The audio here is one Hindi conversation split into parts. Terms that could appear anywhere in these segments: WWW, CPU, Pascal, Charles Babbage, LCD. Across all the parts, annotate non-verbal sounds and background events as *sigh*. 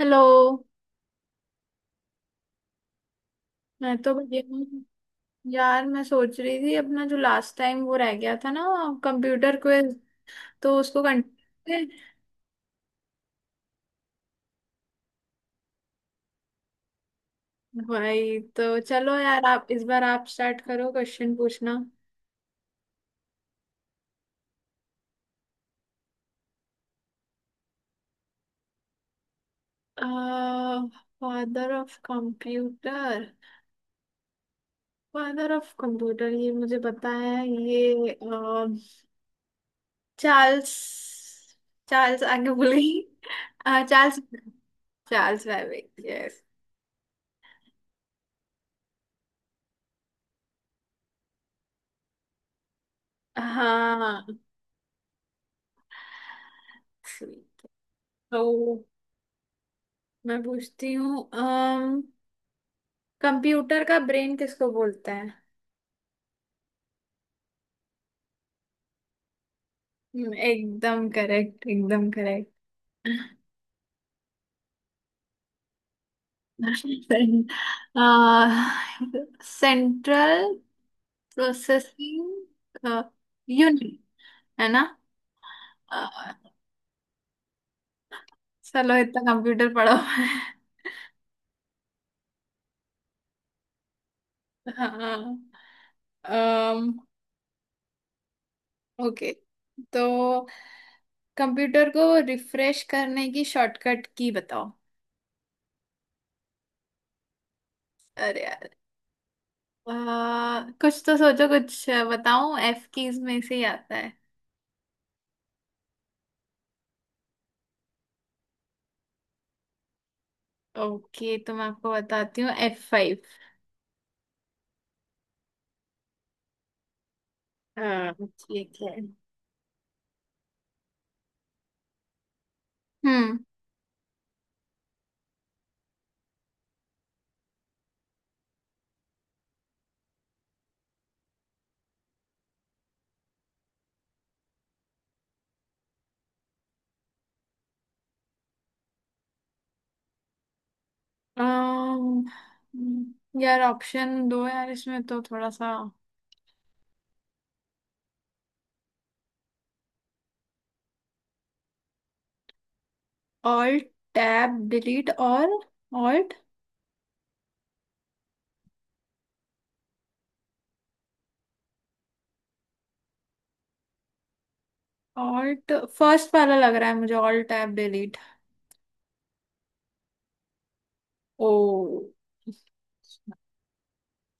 हेलो। मैं तो बढ़िया हूँ। यार, मैं सोच रही थी अपना जो लास्ट टाइम वो रह गया था ना, कंप्यूटर क्विज, तो उसको कंटिन्यू करें। भाई, तो चलो यार, आप इस बार आप स्टार्ट करो क्वेश्चन पूछना। Father of computer? Father of computer, ये मुझे पता है ये। चार्ल्स। चार्ल्स, आगे भूल गई। चार्ल्स। Charles Babbage, yes. हाँ। तो मैं पूछती हूँ, अम कंप्यूटर का ब्रेन किसको बोलते हैं? एकदम करेक्ट, एकदम करेक्ट। *laughs* सेंट्रल प्रोसेसिंग यूनिट, है ना? अ, चलो, इतना कंप्यूटर पढ़ो। *laughs* हाँ। ओके, तो कंप्यूटर को रिफ्रेश करने की शॉर्टकट की बताओ। अरे यार! कुछ तो सोचो, कुछ बताऊं, एफ कीज में से ही आता है। ओके, तो मैं आपको बताती हूँ, एफ फाइव। हाँ, ठीक है। हम्म। यार ऑप्शन दो यार, इसमें तो थोड़ा सा। ऑल्ट टैब डिलीट और ऑल्ट। ऑल्ट फर्स्ट वाला लग रहा है मुझे, ऑल्ट टैब डिलीट। ओ,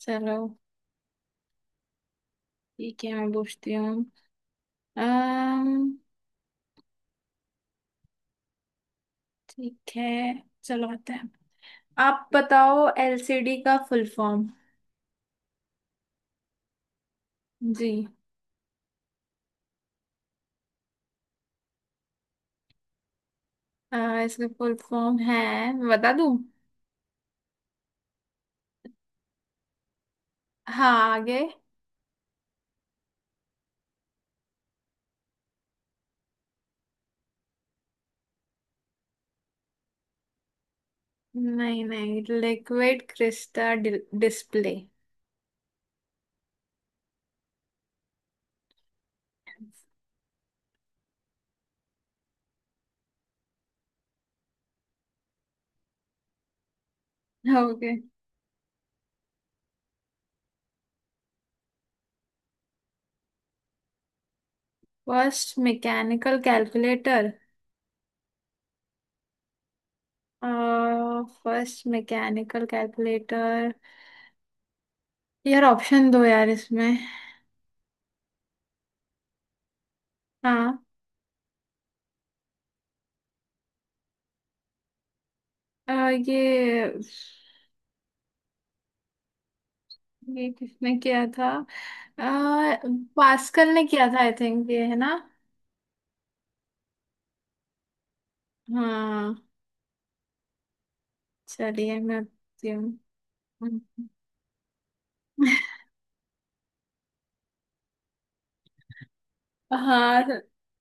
चलो। ठीक है, मैं पूछती हूँ। अम्म, ठीक है, चलो आते हैं। आप बताओ एलसीडी का फुल फॉर्म। जी। इसका फुल फॉर्म है, मैं बता दूं। हाँ, आगे। नहीं नहीं, liquid crystal display. Okay. First mechanical calculator? First mechanical calculator, यार ऑप्शन दो यार इसमें। हाँ। अ, ये ये किसने किया था? आ, पास्कल ने किया था आई थिंक, ये है ना? हाँ, चलिए मैं पूछती हूँ। हाँ,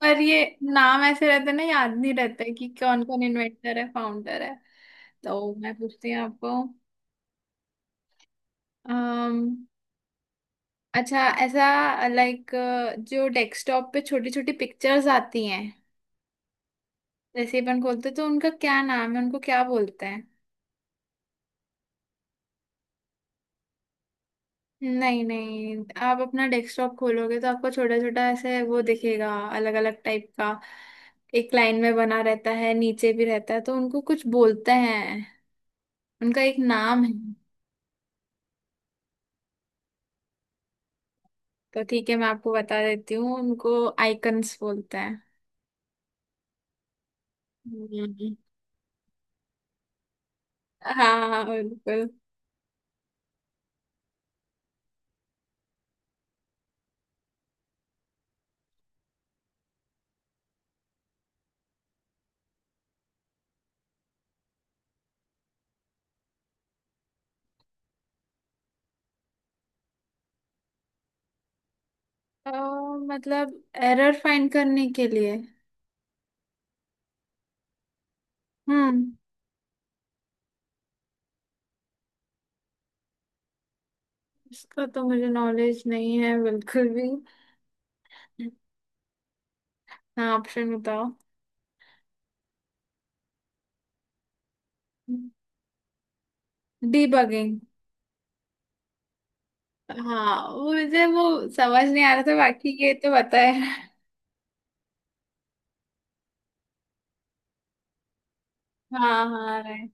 पर ये नाम ऐसे रहते हैं ना, याद नहीं रहता है कि कौन कौन इन्वेंटर है, फाउंडर है। तो मैं पूछती हूँ आपको। अम्म अच्छा, ऐसा लाइक, जो डेस्कटॉप पे छोटी छोटी पिक्चर्स आती हैं, जैसे अपन खोलते हैं, तो उनका क्या नाम है, उनको क्या बोलते हैं? नहीं नहीं, आप अपना डेस्कटॉप खोलोगे तो आपको छोटा छोटा ऐसे वो दिखेगा, अलग अलग टाइप का, एक लाइन में बना रहता है, नीचे भी रहता है, तो उनको कुछ बोलते हैं, उनका एक नाम है। तो ठीक है, मैं आपको बता देती हूँ, उनको आइकन्स बोलते हैं। हम्म। हाँ, बिल्कुल। तो मतलब एरर फाइंड करने के लिए? हम्म। इसका तो मुझे नॉलेज नहीं है, बिल्कुल भी। हाँ, ऑप्शन बताओ। डीबगिंग। हाँ, वो मुझे वो समझ नहीं आ रहा था, बाकी ये तो पता है। हाँ हाँ, right.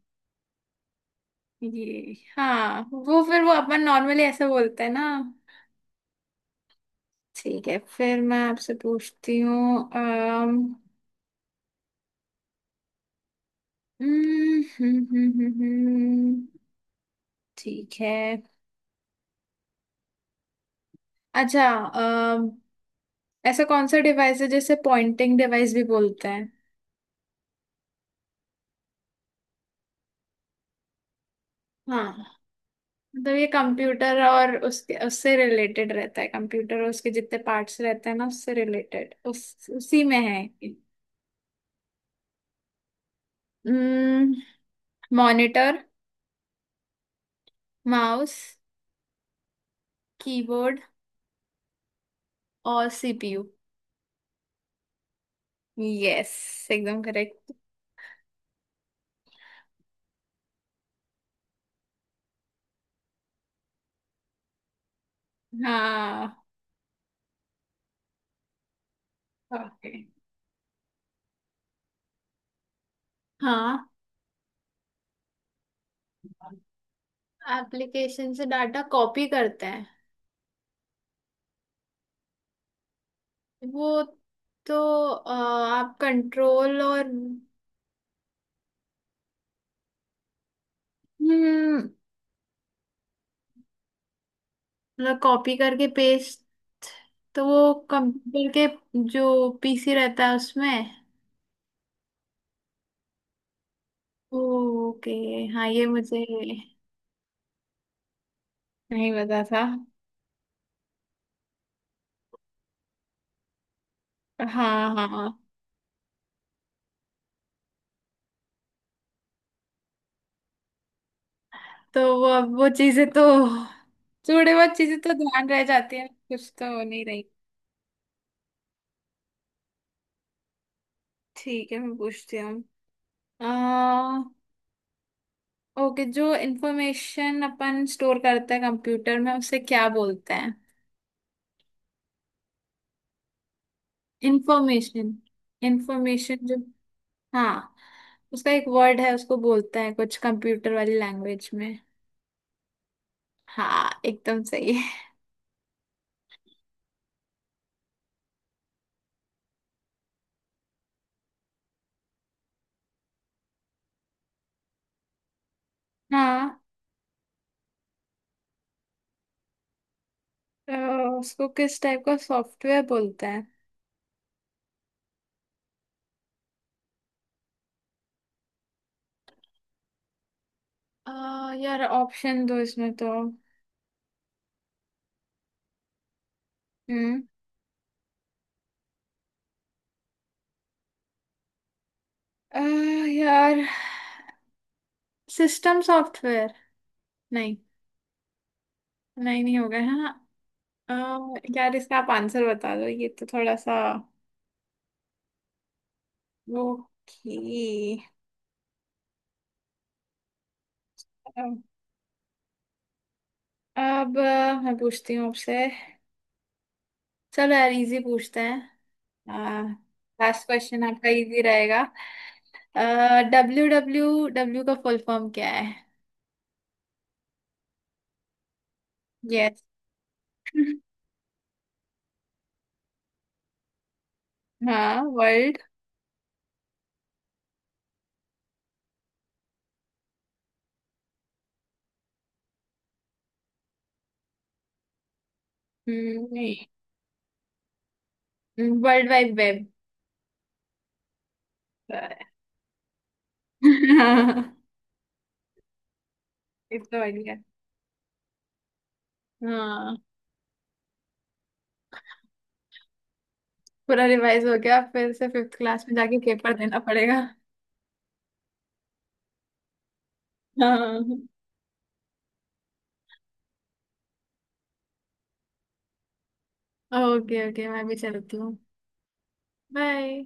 ये, हाँ, वो फिर वो अपन नॉर्मली ऐसे बोलते हैं ना। ठीक है, फिर मैं आपसे पूछती हूँ। हम्म। ठीक है। अच्छा, ऐसा कौन सा डिवाइस है जिसे पॉइंटिंग डिवाइस भी बोलते हैं? हाँ, मतलब ये कंप्यूटर और उसके उससे रिलेटेड रहता है, कंप्यूटर और उसके जितने पार्ट्स रहते हैं ना, उससे रिलेटेड, उस उसी में है। मॉनिटर, माउस, कीबोर्ड और सीपीयू? यस, एकदम करेक्ट। हाँ। ओके। हाँ, एप्लीकेशन से डाटा कॉपी करते हैं वो तो, आप कंट्रोल और... हम्म। मतलब कॉपी करके पेस्ट? तो वो कंप्यूटर के जो पीसी रहता है उसमें। ओके। हाँ, ये मुझे नहीं पता था। हाँ हाँ, तो वो अब वो चीजें तो, थोड़े बहुत चीजें तो ध्यान रह जाती है, कुछ तो हो नहीं रही। ठीक है, मैं पूछती हूँ। अह ओके, जो इंफॉर्मेशन अपन स्टोर करते हैं कंप्यूटर में उसे क्या बोलते हैं? इंफॉर्मेशन, इंफॉर्मेशन जो, हाँ, उसका एक वर्ड है, उसको बोलते हैं कुछ कंप्यूटर वाली लैंग्वेज में। हाँ, एकदम सही है। हाँ। अ, उसको किस टाइप का सॉफ्टवेयर बोलते हैं? अ, यार, ऑप्शन दो इसमें तो। हम्म। अ, यार, सिस्टम सॉफ्टवेयर? नहीं, नहीं नहीं, हो गए, हाँ। अ, यार, इसका आप आंसर बता दो, ये तो थोड़ा सा। ओके। अब मैं पूछती हूँ आपसे। चलो यार, इजी पूछते हैं, लास्ट क्वेश्चन आपका इजी रहेगा। डब्ल्यू डब्ल्यू डब्ल्यू का फुल फॉर्म क्या है? यस। *laughs* हाँ, वर्ल्ड। नहीं, वर्ल्ड वाइड वेब। हाँ। *laughs* इतना बढ़िया, हाँ, पूरा रिवाइज हो गया, फिर से फिफ्थ क्लास में जाके पेपर देना पड़ेगा। *laughs* हाँ। ओके, ओके, मैं भी चलती हूँ। बाय।